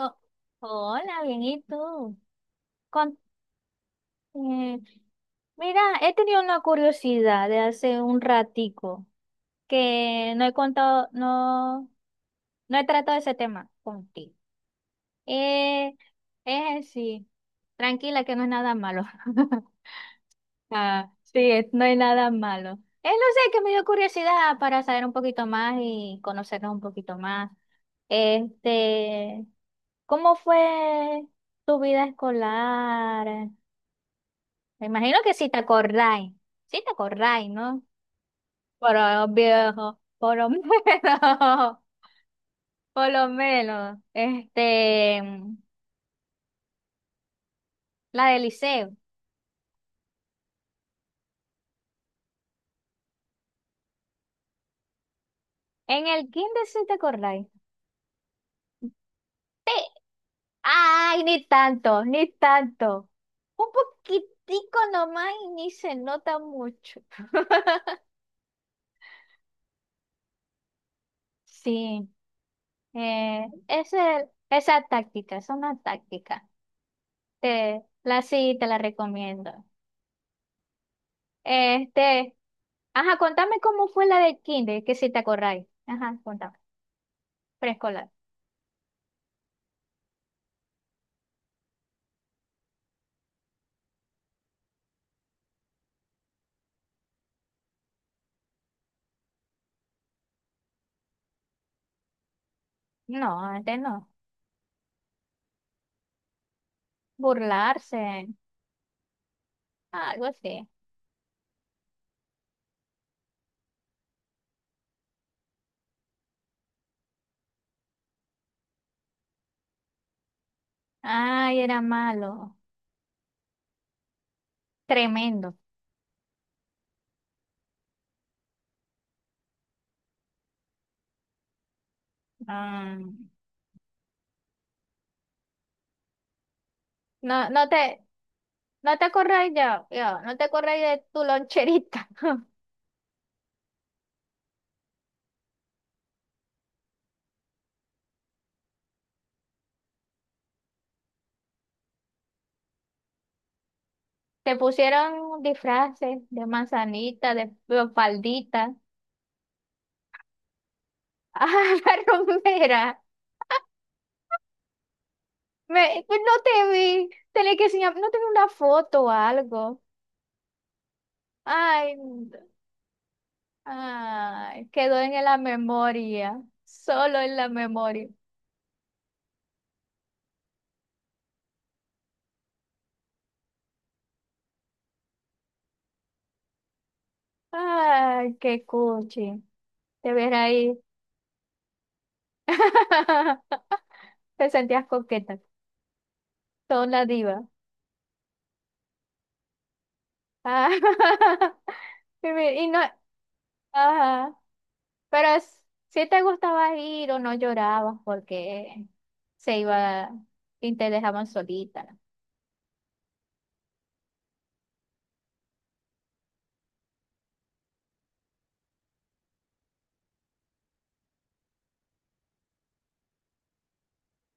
Oh, hola, bien, ¿y tú? Con- eh, mira, he tenido una curiosidad de hace un ratico que no he contado, no, no he tratado ese tema contigo. Eh, es sí tranquila que no es nada malo. Ah, sí, no hay nada malo. No sé, que me dio curiosidad para saber un poquito más y conocernos un poquito más. Este, ¿Cómo fue tu vida escolar? Me imagino que si te acordáis, ¿no? Por lo viejo, por lo menos, por lo menos, la del liceo. En el kinder si te acordáis. Ay, ni tanto, ni tanto. Un poquitico nomás y ni se nota mucho. Sí, esa táctica, es una táctica. Te, la sí, te la recomiendo. Este, ajá, contame cómo fue la de kinder, que si te acordáis. Ajá, contame. Preescolar. No, antes no. Burlarse, algo así. Ay, era malo. Tremendo. Ah, no, no te acordáis ya, ya, no te acordáis de tu loncherita. Te pusieron disfraces de manzanita, de faldita. Ah, la romera. No te vi. Tenés que enseñar, no te vi una foto o algo. Ay, ay, quedó en la memoria, solo en la memoria. Ay, qué cuchi. Te ves ahí. Te sentías coqueta, son la diva. Ah, Y no, ajá. Pero si te gustaba ir o no llorabas porque se iba y te dejaban solita.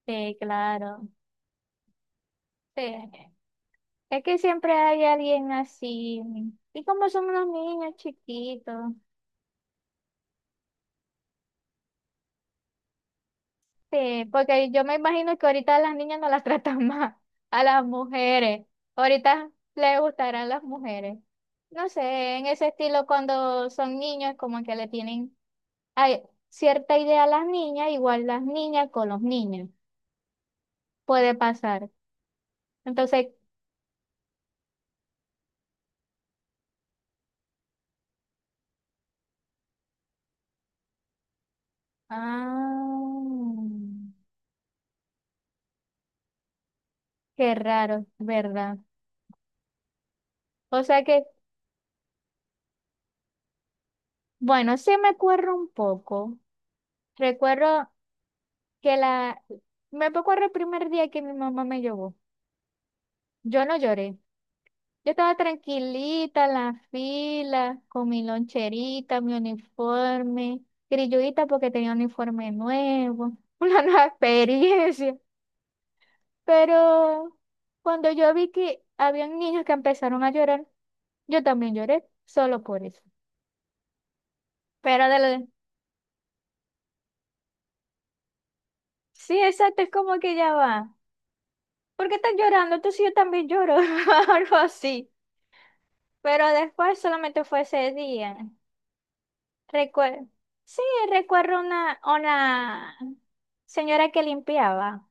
Sí, claro. Sí. Es que siempre hay alguien así. Y como son unos niños chiquitos. Sí, porque yo me imagino que ahorita a las niñas no las tratan más, a las mujeres. Ahorita les gustarán las mujeres. No sé, en ese estilo cuando son niños como que le tienen ay, cierta idea a las niñas, igual las niñas con los niños. Puede pasar. Entonces, ah, qué raro, ¿verdad? O sea que, bueno, sí me acuerdo un poco. Recuerdo que la... Me recuerdo el primer día que mi mamá me llevó. Yo no lloré. Yo estaba tranquilita en la fila, con mi loncherita, mi uniforme, grilludita porque tenía un uniforme nuevo, una nueva experiencia. Pero cuando yo vi que habían niños que empezaron a llorar, yo también lloré, solo por eso. Pero de lo- Sí, exacto, es como que ya va. ¿Por qué estás llorando? Tú, entonces yo también lloro, algo así. Pero después solamente fue ese día. Recuerdo, sí, recuerdo una señora que limpiaba,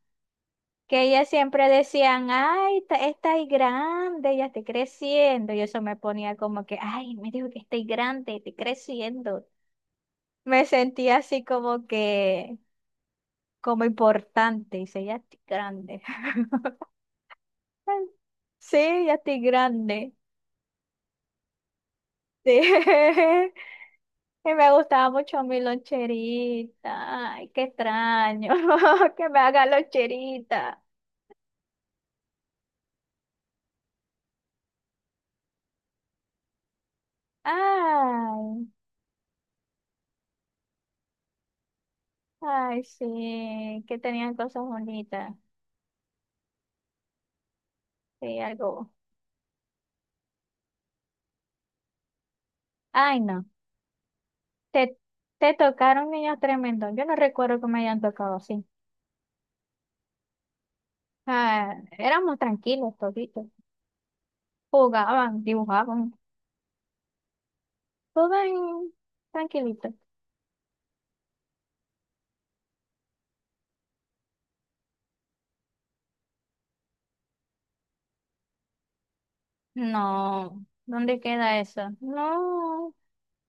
que ella siempre decían, ay, esta grande, ya estoy creciendo. Y eso me ponía como que, ay, me dijo que estoy grande, estoy creciendo. Me sentía así como que, como importante. Y dice, ya estoy grande. Sí, ya estoy grande. Sí. Que me gustaba mucho mi loncherita. Ay, qué extraño. Que me haga loncherita. Ay, ay, sí. Que tenían cosas bonitas. Sí, algo. Ay, no. Te, te tocaron niños tremendos. Yo no recuerdo que me hayan tocado así. Ah, éramos tranquilos toditos. Jugaban, dibujaban. Todo en- tranquilito. No. ¿Dónde queda eso? No.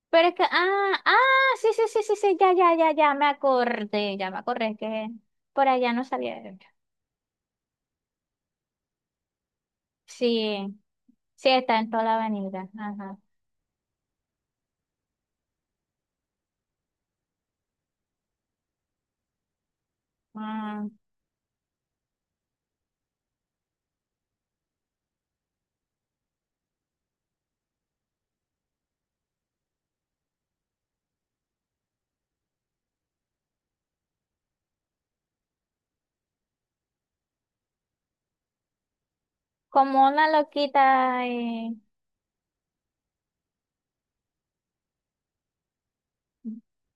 Pero es que, ah, ah, sí, sí, sí, sí, sí, ya, ya, ya, ya me acordé, es que por allá no salía. Sí, sí, está en toda la avenida. Ajá. Mm, como una loquita.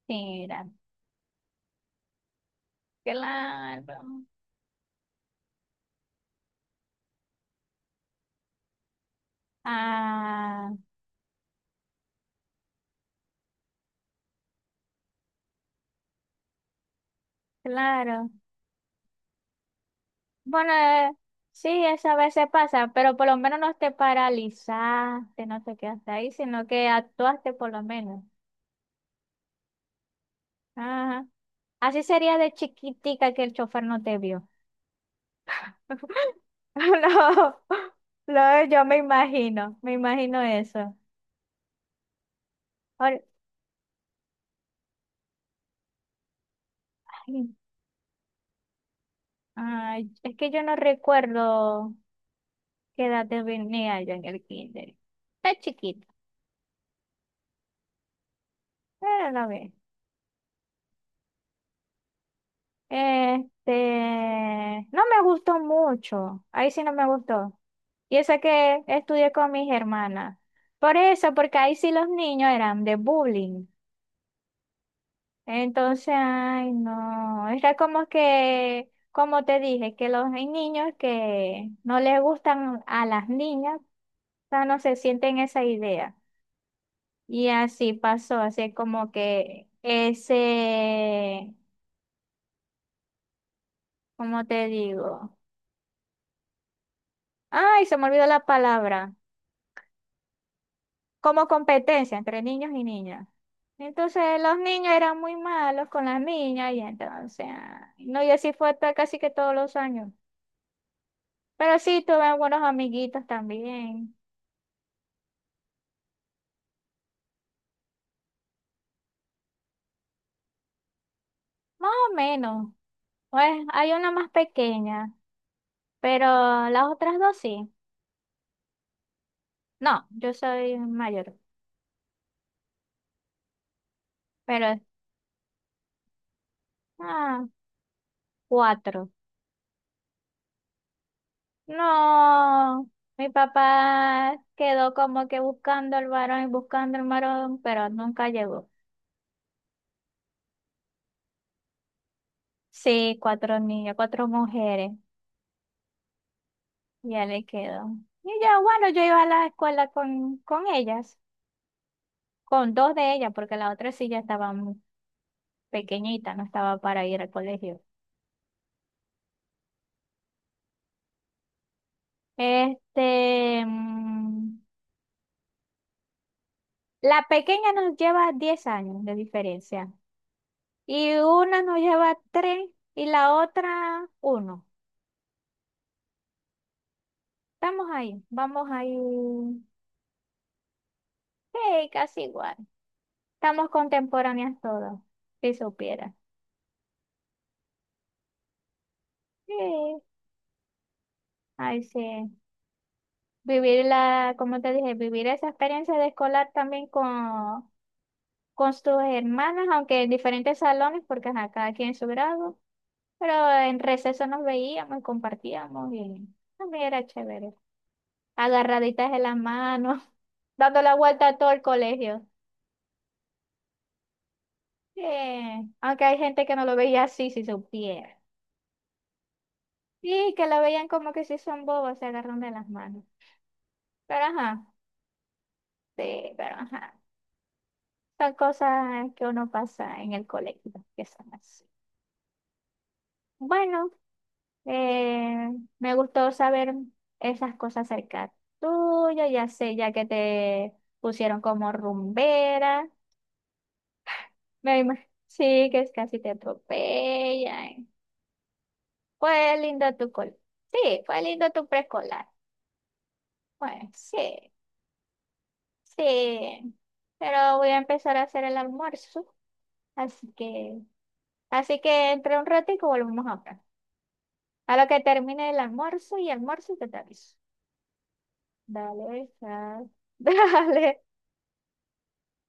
Mira, claro. Ah, claro. Bueno, sí, eso a veces pasa, pero por lo menos no te paralizaste, no te quedaste ahí, sino que actuaste por lo menos. Ajá. Así sería de chiquitica que el chofer no te vio. No, no, yo me imagino eso. Ahora- ay, ay, es que yo no recuerdo qué edad tenía yo en el kinder. Está chiquita, pero la ve. No me gustó mucho, ahí sí no me gustó. Y eso que estudié con mis hermanas. Por eso, porque ahí sí los niños eran de bullying. Entonces, ay, no, era como que, como te dije, que los hay niños que no les gustan a las niñas, o sea, no se sienten esa idea. Y así pasó, así como que ese, ¿cómo te digo? Ay, se me olvidó la palabra, como competencia entre niños y niñas. Entonces los niños eran muy malos con las niñas y entonces, ay, no, y así fue hasta casi que todos los años. Pero sí, tuve buenos amiguitos también. Más o menos. Pues hay una más pequeña, pero las otras dos sí. No, yo soy mayor, pero ah, cuatro. No, mi papá quedó como que buscando el varón y buscando el varón, pero nunca llegó. Sí, cuatro niños, cuatro mujeres, ya le quedó. Y yo, bueno, yo iba a la escuela con, ellas, con dos de ellas, porque la otra sí ya estaba pequeñita, no estaba para ir al colegio. Este, mm, la pequeña nos lleva 10 años de diferencia y una nos lleva 3 y la otra 1. Estamos ahí, vamos ahí, sí, casi igual. Estamos contemporáneas todas, si supiera. Sí, ay sí. Vivir la, como te dije, vivir esa experiencia de escolar también con sus hermanas, aunque en diferentes salones, porque ajá, cada quien en su grado. Pero en receso nos veíamos y compartíamos y también era chévere. Agarraditas de la mano, dando la vuelta a todo el colegio. Sí, aunque hay gente que no lo veía así si supiera. Sí, que lo veían como que si son bobos, se agarran de las manos. Pero ajá, sí, pero ajá. Son cosas que uno pasa en el colegio, que son así. Bueno. Eh, me gustó saber esas cosas acerca tuya, ya sé, ya que te pusieron como rumbera. Me imag- sí, que es casi te atropellan. Fue lindo tu col. Sí, fue lindo tu preescolar. Bueno, sí, sí. Pero voy a empezar a hacer el almuerzo. Así que, así que, entre un ratito volvemos a hablar. A lo que termine el almuerzo y almuerzo que te aviso. Dale, chao. Dale.